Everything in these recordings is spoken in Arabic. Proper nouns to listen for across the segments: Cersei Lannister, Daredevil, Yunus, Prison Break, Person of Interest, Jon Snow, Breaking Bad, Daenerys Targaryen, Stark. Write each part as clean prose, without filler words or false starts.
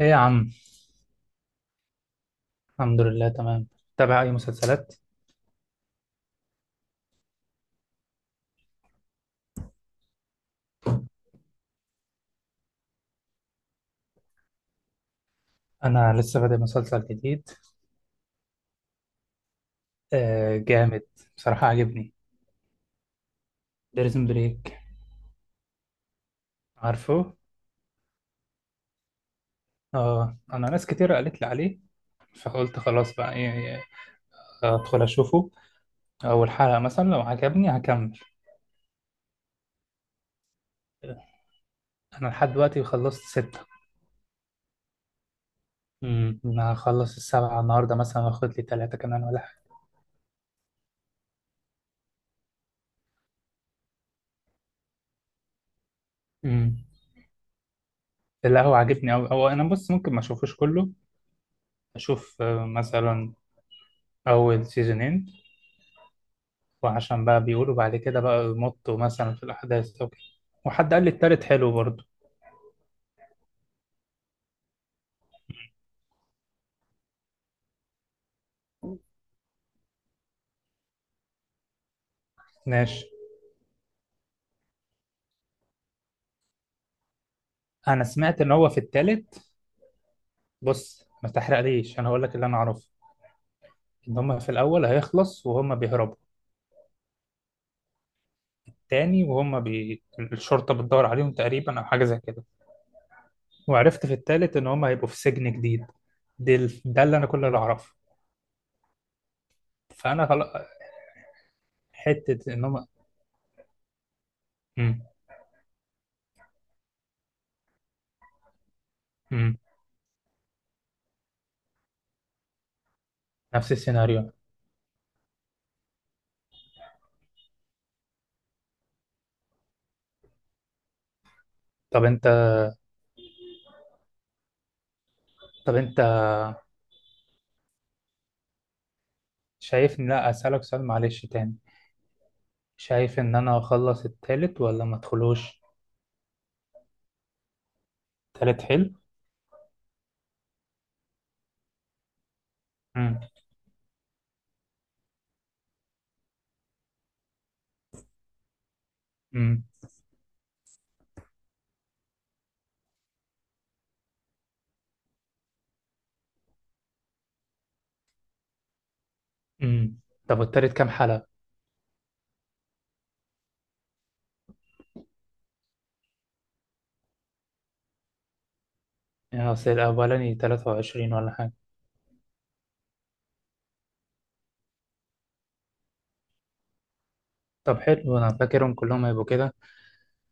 ايه يا عم. الحمد لله، تمام. تابع اي مسلسلات؟ انا لسه بادئ مسلسل جديد. آه، جامد. بصراحه عجبني. بريزون بريك. عارفه؟ اه، انا ناس كتير قالت لي عليه، فقلت خلاص بقى ايه. ادخل اشوفه. اول حلقه مثلا لو عجبني هكمل. انا لحد دلوقتي خلصت سته. انا هخلص السبعه النهارده، مثلا واخد لي ثلاثه كمان ولا حاجه. امم. لا، هو عاجبني أوي هو. انا بص، ممكن ما اشوفوش كله. اشوف مثلا اول سيزونين. وعشان بقى بيقولوا بعد كده بقى يمطوا مثلا في الأحداث أو كده. وحد قال لي التالت حلو برضه. ماشي. أنا سمعت إن هو في التالت. بص ما تحرقليش، أنا هقول لك اللي أنا أعرفه. إن هما في الأول هيخلص وهما بيهربوا تاني. وهما الشرطة بتدور عليهم تقريبا أو حاجة زي كده. وعرفت في التالت إن هما هيبقوا في سجن جديد. ده اللي أنا، كل اللي أعرفه. فأنا خلاص. حتة إن هما. مم. مم. نفس السيناريو. طب أنت. طب أنت شايفني، لا أسألك سؤال معلش تاني. شايف ان انا اخلص التالت ولا ما ادخلوش؟ التالت حلو. امم. امم. امم. طب التالت كام حلقة؟ يعني اصل الاولاني 23 ولا حاجة. طب حلو، انا فاكرهم كلهم هيبقوا كده،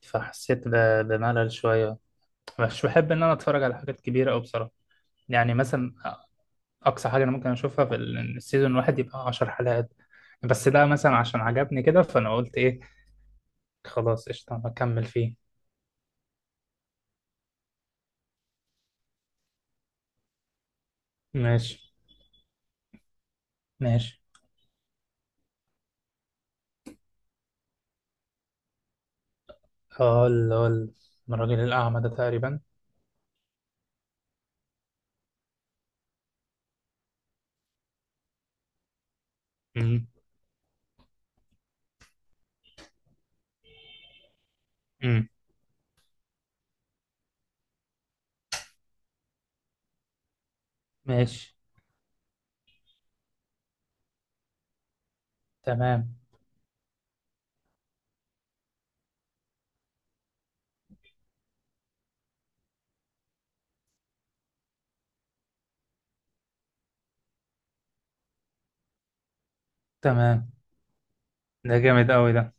فحسيت بملل شوية. مش بحب ان انا اتفرج على حاجات كبيرة او بصراحة، يعني مثلا اقصى حاجة انا ممكن اشوفها في السيزون الواحد يبقى 10 حلقات. بس ده مثلا عشان عجبني كده، فانا قلت ايه، خلاص قشطة هكمل فيه. ماشي. ماشي. اه، اللي هو الراجل الاعمى ده تقريبا. امم. ماشي. تمام. تمام. ده جامد قوي ده.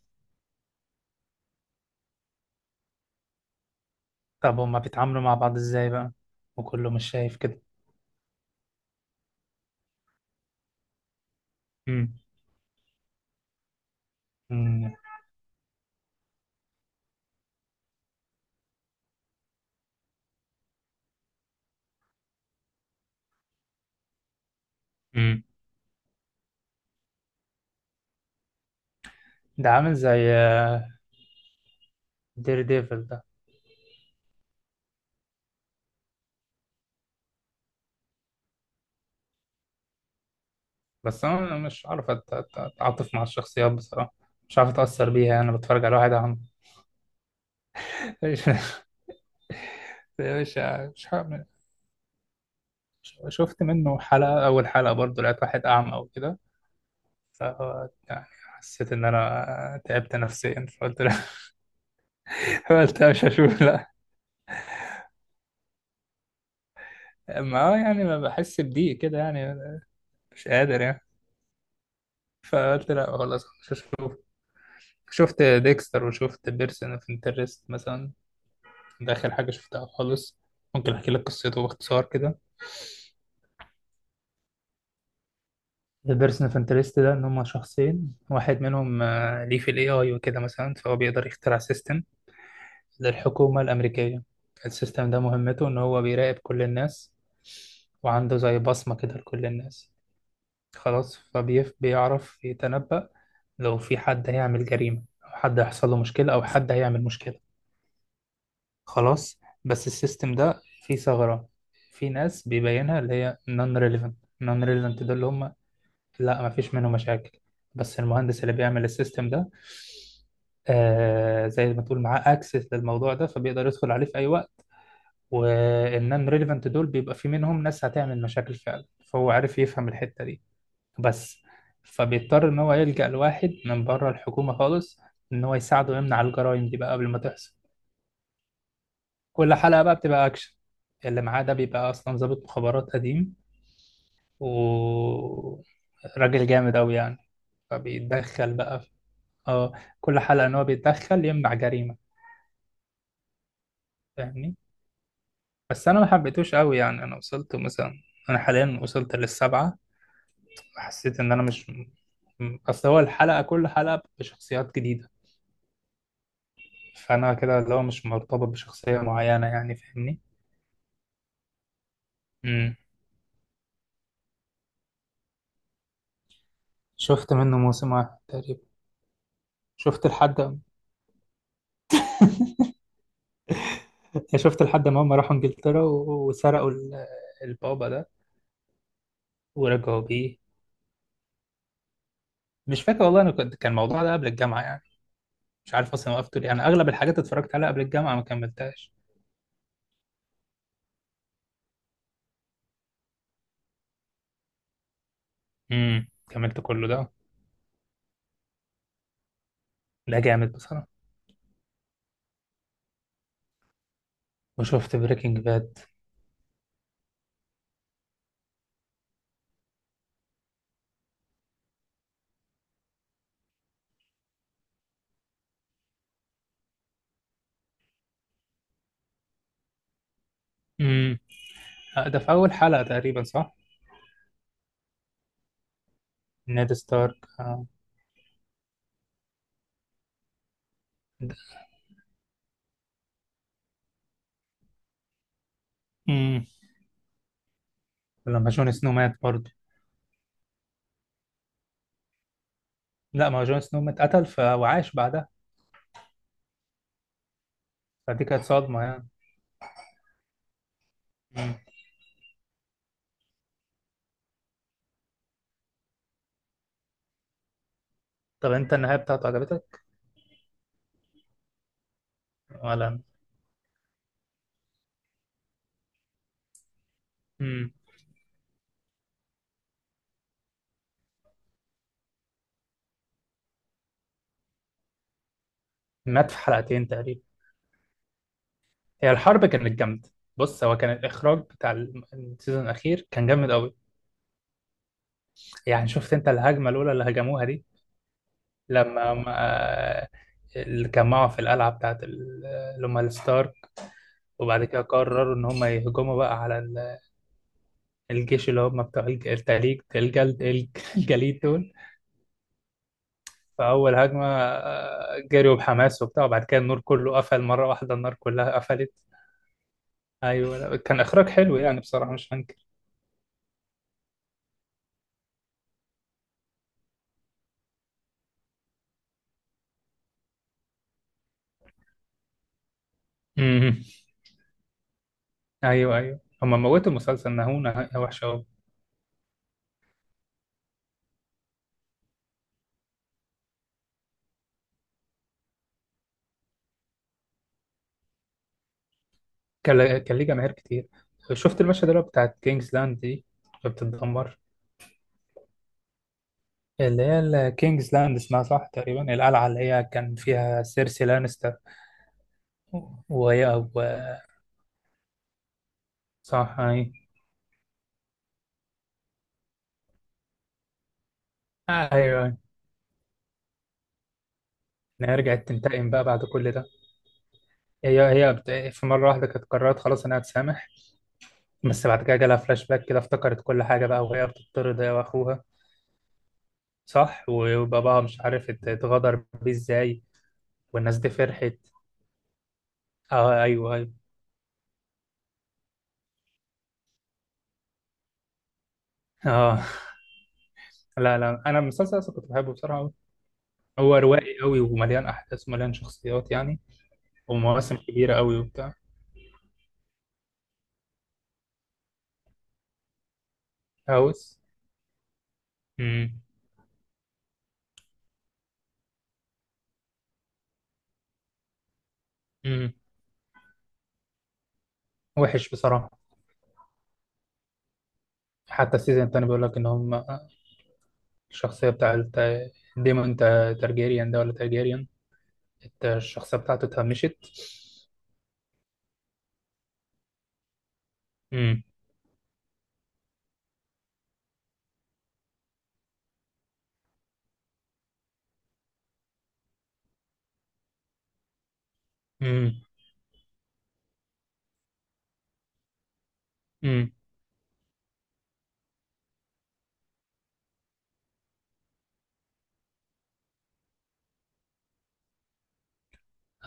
طب هما بيتعاملوا مع بعض ازاي بقى؟ وكله مش شايف كده. امم. امم. امم. ده عامل زي دير ديفل ده. بس انا مش عارف اتعاطف مع الشخصيات بصراحة. مش عارف اتأثر بيها، انا بتفرج على واحد عم. مش. مش. مش هعمل- شفت منه حلقة، اول حلقة برضو، لقيت واحد اعمى او كده، ف يعني حسيت ان انا تعبت نفسيا، فقلت لا. قلت لا، مش هشوف. لا، ما هو يعني ما بحس بضيق كده يعني، مش قادر يعني، فقلت لا خلاص مش هشوف. شفت ديكستر وشفت بيرسون اوف انترست مثلا. ده اخر حاجه شفتها خالص. ممكن احكي لك قصته باختصار كده. ده بيرسون اوف انترست ده ان هم شخصين، واحد منهم ليه في الاي اي وكده مثلا، فهو بيقدر يخترع سيستم للحكومه الامريكيه. السيستم ده مهمته ان هو بيراقب كل الناس، وعنده زي بصمه كده لكل الناس. خلاص فبيف بيعرف يتنبأ لو في حد هيعمل جريمة أو حد هيحصل له مشكلة أو حد هيعمل مشكلة. خلاص بس السيستم ده فيه ثغرة. في ناس بيبينها اللي هي non relevant. non relevant ده اللي هم، لا مفيش منه مشاكل. بس المهندس اللي بيعمل السيستم ده، زي ما تقول معاه اكسس للموضوع ده، فبيقدر يدخل عليه في اي وقت. والنون ريليفنت دول بيبقى في منهم ناس هتعمل مشاكل فعلا، فهو عارف يفهم الحتة دي. بس فبيضطر إن هو يلجأ لواحد من بره الحكومة خالص، إن هو يساعده يمنع الجرائم دي بقى قبل ما تحصل. كل حلقة بقى بتبقى أكشن. اللي معاه ده بيبقى أصلا ضابط مخابرات قديم وراجل جامد أوي يعني. فبيتدخل بقى في... اه، كل حلقة إن هو بيتدخل يمنع جريمة. فاهمني. بس أنا ما حبيتوش أوي، يعني أنا وصلت مثلا، أنا حاليا وصلت للسبعة. حسيت إن أنا مش، أصل هو كل حلقة بشخصيات جديدة. فانا كده اللي هو مش مرتبط بشخصية معينة، يعني فاهمني. امم. شفت منه موسم واحد تقريبا. شفت لحد. شفت لحد ما هم راحوا انجلترا وسرقوا البابا ده ورجعوا بيه. مش فاكر والله، انا كان الموضوع ده قبل الجامعة يعني، مش عارف اصلا وقفته ليه، انا اغلب الحاجات اتفرجت عليها قبل الجامعة ما كملتهاش. امم، كملت كله ده. ده جامد بصراحة. وشفت بريكنج باد. امم. ده في اول حلقة تقريبا، صح؟ نيد ستارك، آه. امم. لما جون سنو مات برضه. لا، ما هو جون سنو مات، قتل وعاش بعدها. فدي كانت صدمة يعني. مم. طب انت النهاية بتاعته عجبتك ولا؟ مم. مات في حلقتين تقريبا. هي الحرب كانت جامدة. بص هو كان الإخراج بتاع السيزون الأخير كان جامد قوي. يعني شفت انت الهجمة الأولى اللي هجموها دي؟ لما ما اللي كان معه في القلعة بتاعت اللي هم الستارك، وبعد كده قرروا إن هم يهجموا بقى على الجيش اللي هم بتوع الج- التليج الجلد الجليد دول. فأول هجمة جريوا بحماس وبتاع، وبعد كده النور كله قفل مرة واحدة، النار كلها قفلت. أيوة، لا، كان إخراج حلو يعني بصراحة مش هنكر. مم. أيوة أيوة، هما موتوا المسلسل، نهونا نهاية وحشة أوي. كان ليه جماهير كتير. شفت المشهد اللي هو بتاعت كينجز لاند دي اللي بتتدمر؟ اللي هي كينجز لاند، اسمها صح تقريبا، القلعة اللي هي كان فيها سيرسي لانستر. وهي. و... صح أيوة. أيوة، إن هي رجعت تنتقم بقى بعد كل ده. هي في مرة واحدة كانت قررت خلاص أنا هتسامح، بس بعد كده جالها فلاش باك كده افتكرت كل حاجة بقى، وهي بتطرد هي وأخوها. صح، وباباها مش عارف اتغدر بيه إزاي. والناس دي فرحت. أه أيوه أيوه. أه. لا لا، أنا المسلسل أصلا كنت بحبه بصراحة أوي. هو روائي أوي ومليان أحداث ومليان شخصيات يعني، ومواسم كبيرة أوي وبتاع. هاوس. أمم. أمم. وحش بصراحة. حتى السيزون التاني بيقول لك إن هم الشخصية بتاعت ديمون تارجيريان ده ولا تارجيريان. انت الشخصية بتاعته اتهمشت. امم. امم. امم.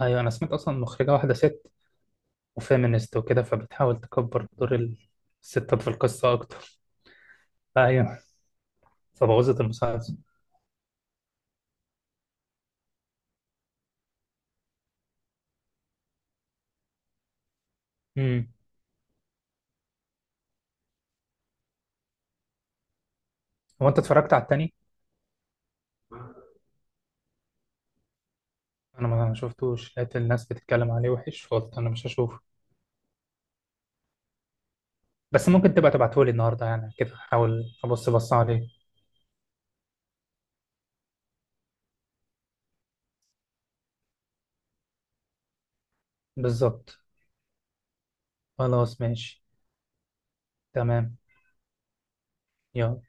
ايوه، انا سمعت اصلا مخرجة واحدة ست وفيمينست وكده، فبتحاول تكبر دور الستات في القصة اكتر. ايوه. فبوظت المسلسل. امم. هو انت اتفرجت على التاني؟ انا ما شفتوش، لقيت الناس بتتكلم عليه وحش، فقلت انا مش هشوفه. بس ممكن تبقى تبعتهولي النهاردة يعني، كده احاول ابص بص عليه. بالظبط. خلاص ماشي. تمام. يلا.